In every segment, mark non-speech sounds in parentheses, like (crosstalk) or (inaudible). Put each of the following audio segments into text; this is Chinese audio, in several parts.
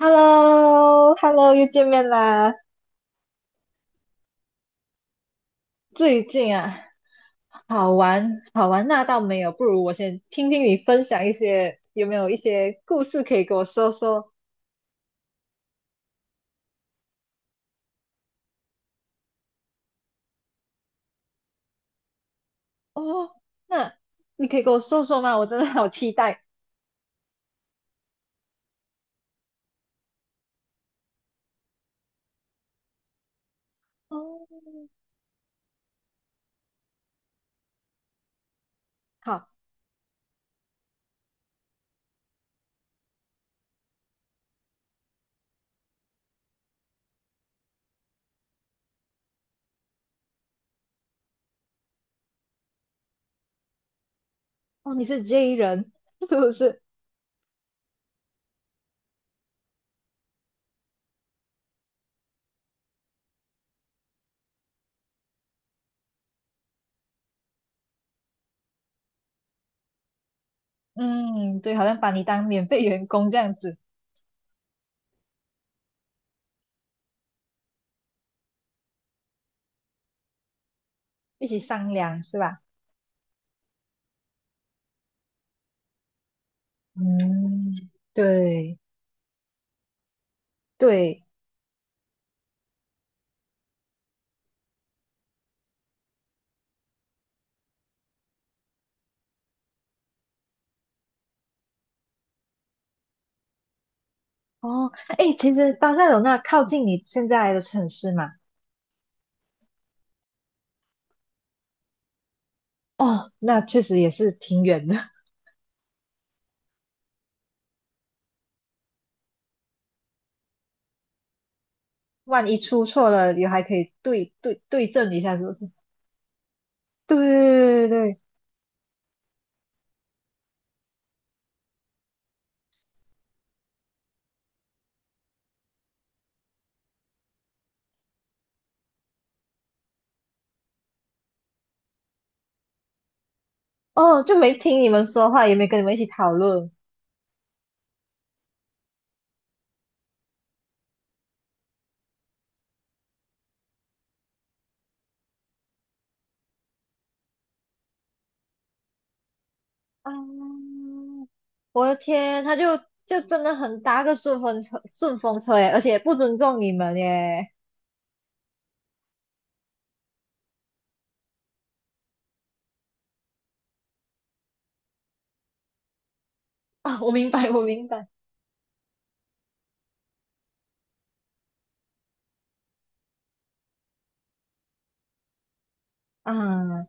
h e l l o Hello 又见面啦！最近啊，好玩好玩那倒没有，不如我先听听你分享一些，有没有一些故事可以给我说说？哦，那你可以跟我说说吗？我真的好期待。哦，好，哦，你是 J 人 (laughs) 是不是？嗯，对，好像把你当免费员工这样子，一起商量是吧？嗯，对对。哦，哎，其实巴塞罗那靠近你现在的城市嘛。哦，那确实也是挺远的，(laughs) 万一出错了，也还可以对对对症一下，是不是？对对对对，哦，就没听你们说话，也没跟你们一起讨论。啊，我的天，他就真的很搭个顺风车，顺风车耶，而且不尊重你们耶。啊，我明白，我明白。啊，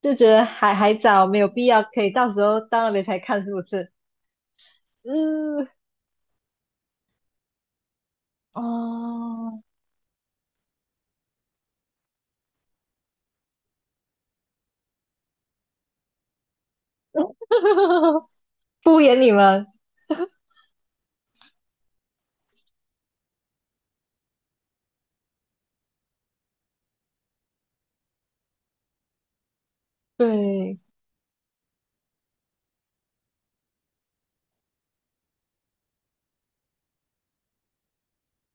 就觉得还早，没有必要，可以到时候到那边才看，是不是？嗯，哦，(laughs) 敷衍你们，对。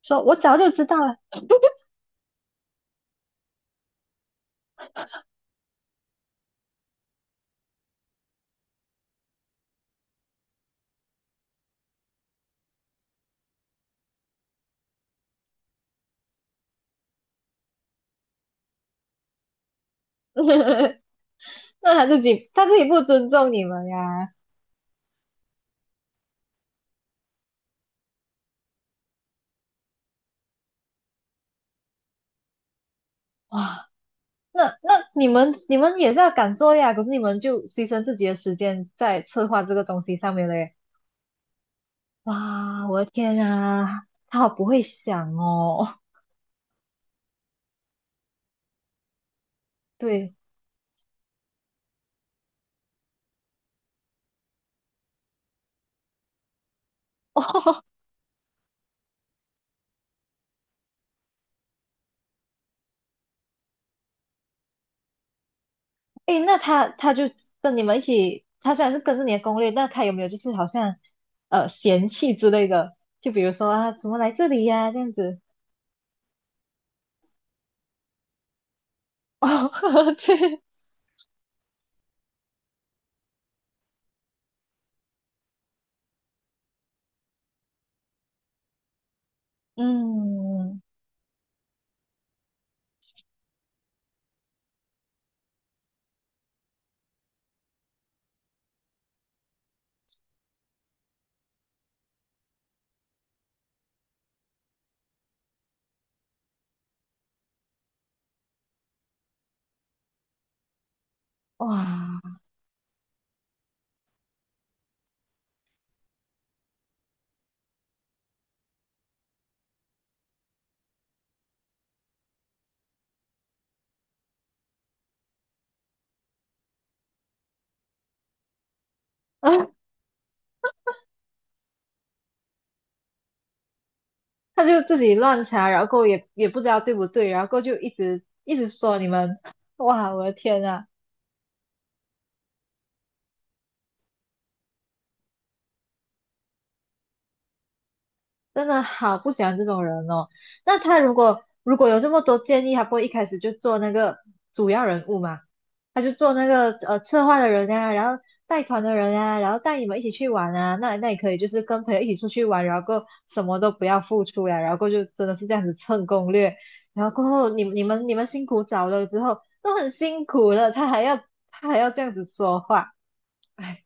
说我早就知道了，(laughs) 那他自己不尊重你们呀，哇，那你们也是要赶作业啊，可是你们就牺牲自己的时间在策划这个东西上面嘞，哇，我的天啊，他好不会想哦，对，哦，诶，那他就跟你们一起，他虽然是跟着你的攻略，那他有没有就是好像嫌弃之类的？就比如说啊，怎么来这里呀、这样子，哦，(laughs) 对，嗯，哇。(laughs) 啊，他就自己乱查，然后也不知道对不对，然后就一直一直说你们，(laughs) 哇，我的天啊，真的好不喜欢这种人哦。那他如果有这么多建议，他不会一开始就做那个主要人物吗？他就做那个策划的人啊，然后带团的人啊，然后带你们一起去玩啊，那也可以，就是跟朋友一起出去玩，然后过什么都不要付出呀，然后过就真的是这样子蹭攻略，然后过后你们辛苦找了之后都很辛苦了，他还要这样子说话，哎，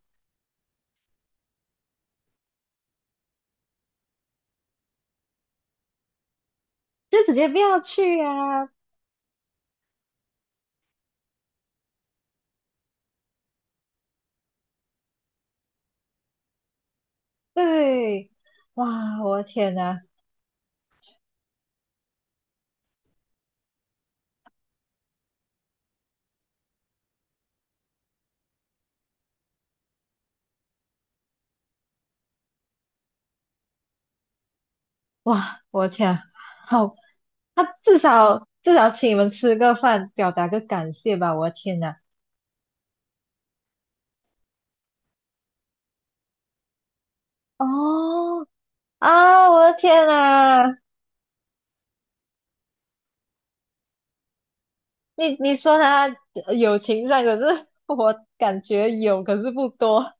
就直接不要去啊，对，哇，我的天呐，哇，我的天啊好，他至少至少请你们吃个饭，表达个感谢吧，我的天呐。哦啊！我的天呐，你说他友情上，可是 (laughs) 我感觉有，可是不多。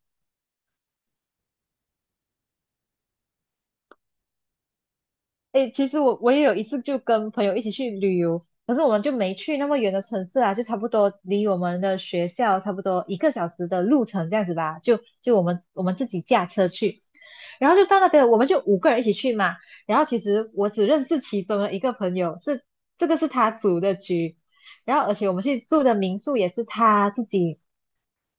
诶，其实我也有一次就跟朋友一起去旅游，可是我们就没去那么远的城市啊，就差不多离我们的学校差不多1个小时的路程这样子吧。就我们自己驾车去，然后就到那边，我们就5个人一起去嘛。然后其实我只认识其中的一个朋友，是这个是他组的局，然后而且我们去住的民宿也是他自己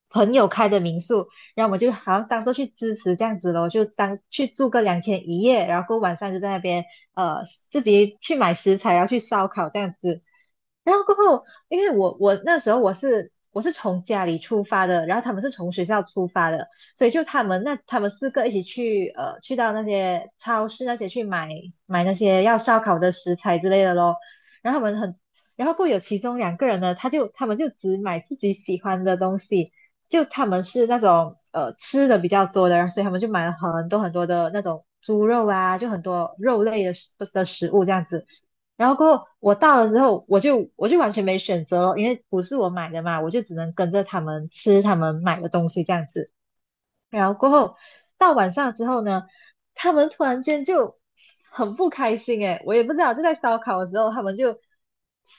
朋友开的民宿，然后我就好像当做去支持这样子咯，就当去住个2天1夜，然后过晚上就在那边呃自己去买食材，然后去烧烤这样子。然后过后，因为我那时候我是从家里出发的，然后他们是从学校出发的，所以就他们4个一起去去到那些超市那些去买那些要烧烤的食材之类的咯。然后他们很，然后过后有其中2个人呢，他们就只买自己喜欢的东西。就他们是那种吃的比较多的人，所以他们就买了很多很多的那种猪肉啊，就很多肉类的食物这样子。然后过后我到了之后，我就完全没选择了，因为不是我买的嘛，我就只能跟着他们吃他们买的东西这样子。然后过后到晚上之后呢，他们突然间就很不开心诶，我也不知道，就在烧烤的时候，他们就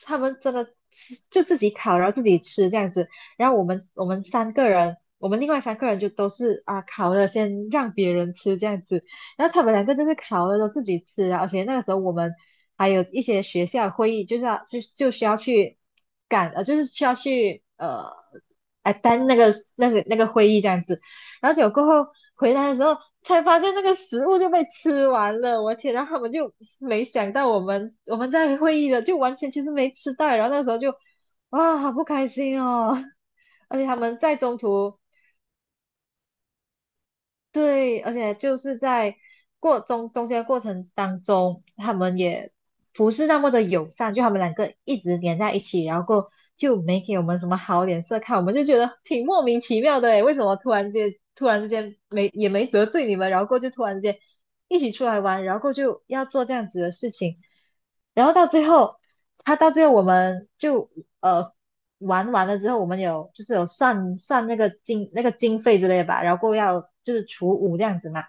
他们真的吃就自己烤，然后自己吃这样子。然后我们三个人，我们另外三个人就都是啊烤了先让别人吃这样子。然后他们两个就是烤了都自己吃啊，而且那个时候我们还有一些学校会议，就是要就需要去赶，就是需要去。哎，但那个会议这样子，然后结果过后回来的时候才发现那个食物就被吃完了，我天！然后他们就没想到我们在会议的就完全其实没吃到，然后那时候就哇好不开心哦，(laughs) 而且他们在中途对，而且就是在过中间的过程当中，他们也不是那么的友善，就他们两个一直黏在一起，然后过就没给我们什么好脸色看，我们就觉得挺莫名其妙的诶，为什么突然之间没也没得罪你们，然后过就突然间一起出来玩，然后过就要做这样子的事情，然后到最后，我们就呃玩完了之后，我们有就是有算算那个经费之类的吧，然后过后要就是除5这样子嘛。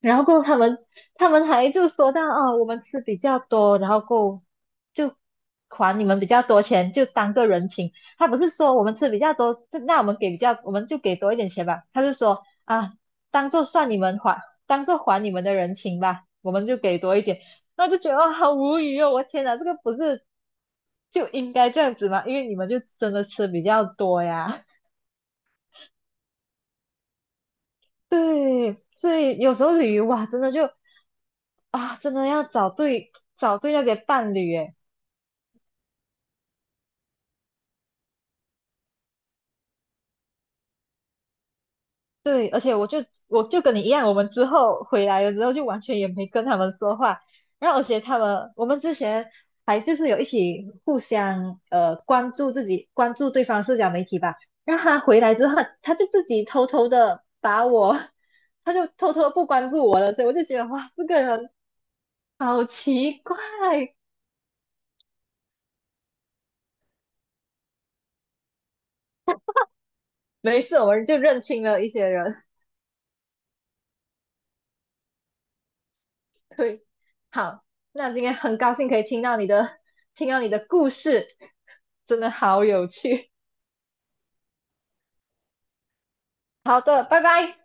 然后过后他们还就说到哦，我们吃比较多，然后过后就还你们比较多钱，就当个人情。他不是说我们吃比较多，这那我们给比较，我们就给多一点钱吧。他就说啊，当做算你们还，当做还你们的人情吧，我们就给多一点。然后就觉得哦，好无语哦！我天哪，这个不是就应该这样子嘛，因为你们就真的吃比较多呀。对，所以有时候旅游哇，真的就啊，真的要找对那些伴侣诶。对，而且我就跟你一样，我们之后回来了之后就完全也没跟他们说话，然后而且他们我们之前还就是有一起互相关注自己关注对方社交媒体吧，然后他回来之后他就自己偷偷的把我，(laughs) 他就偷偷地不关注我了，所以我就觉得哇，这个人 (laughs) 好奇怪，没事，我们就认清了一些人。(laughs) 对，好，那今天很高兴可以听到你的，听到你的故事，真的好有趣。好的，拜拜。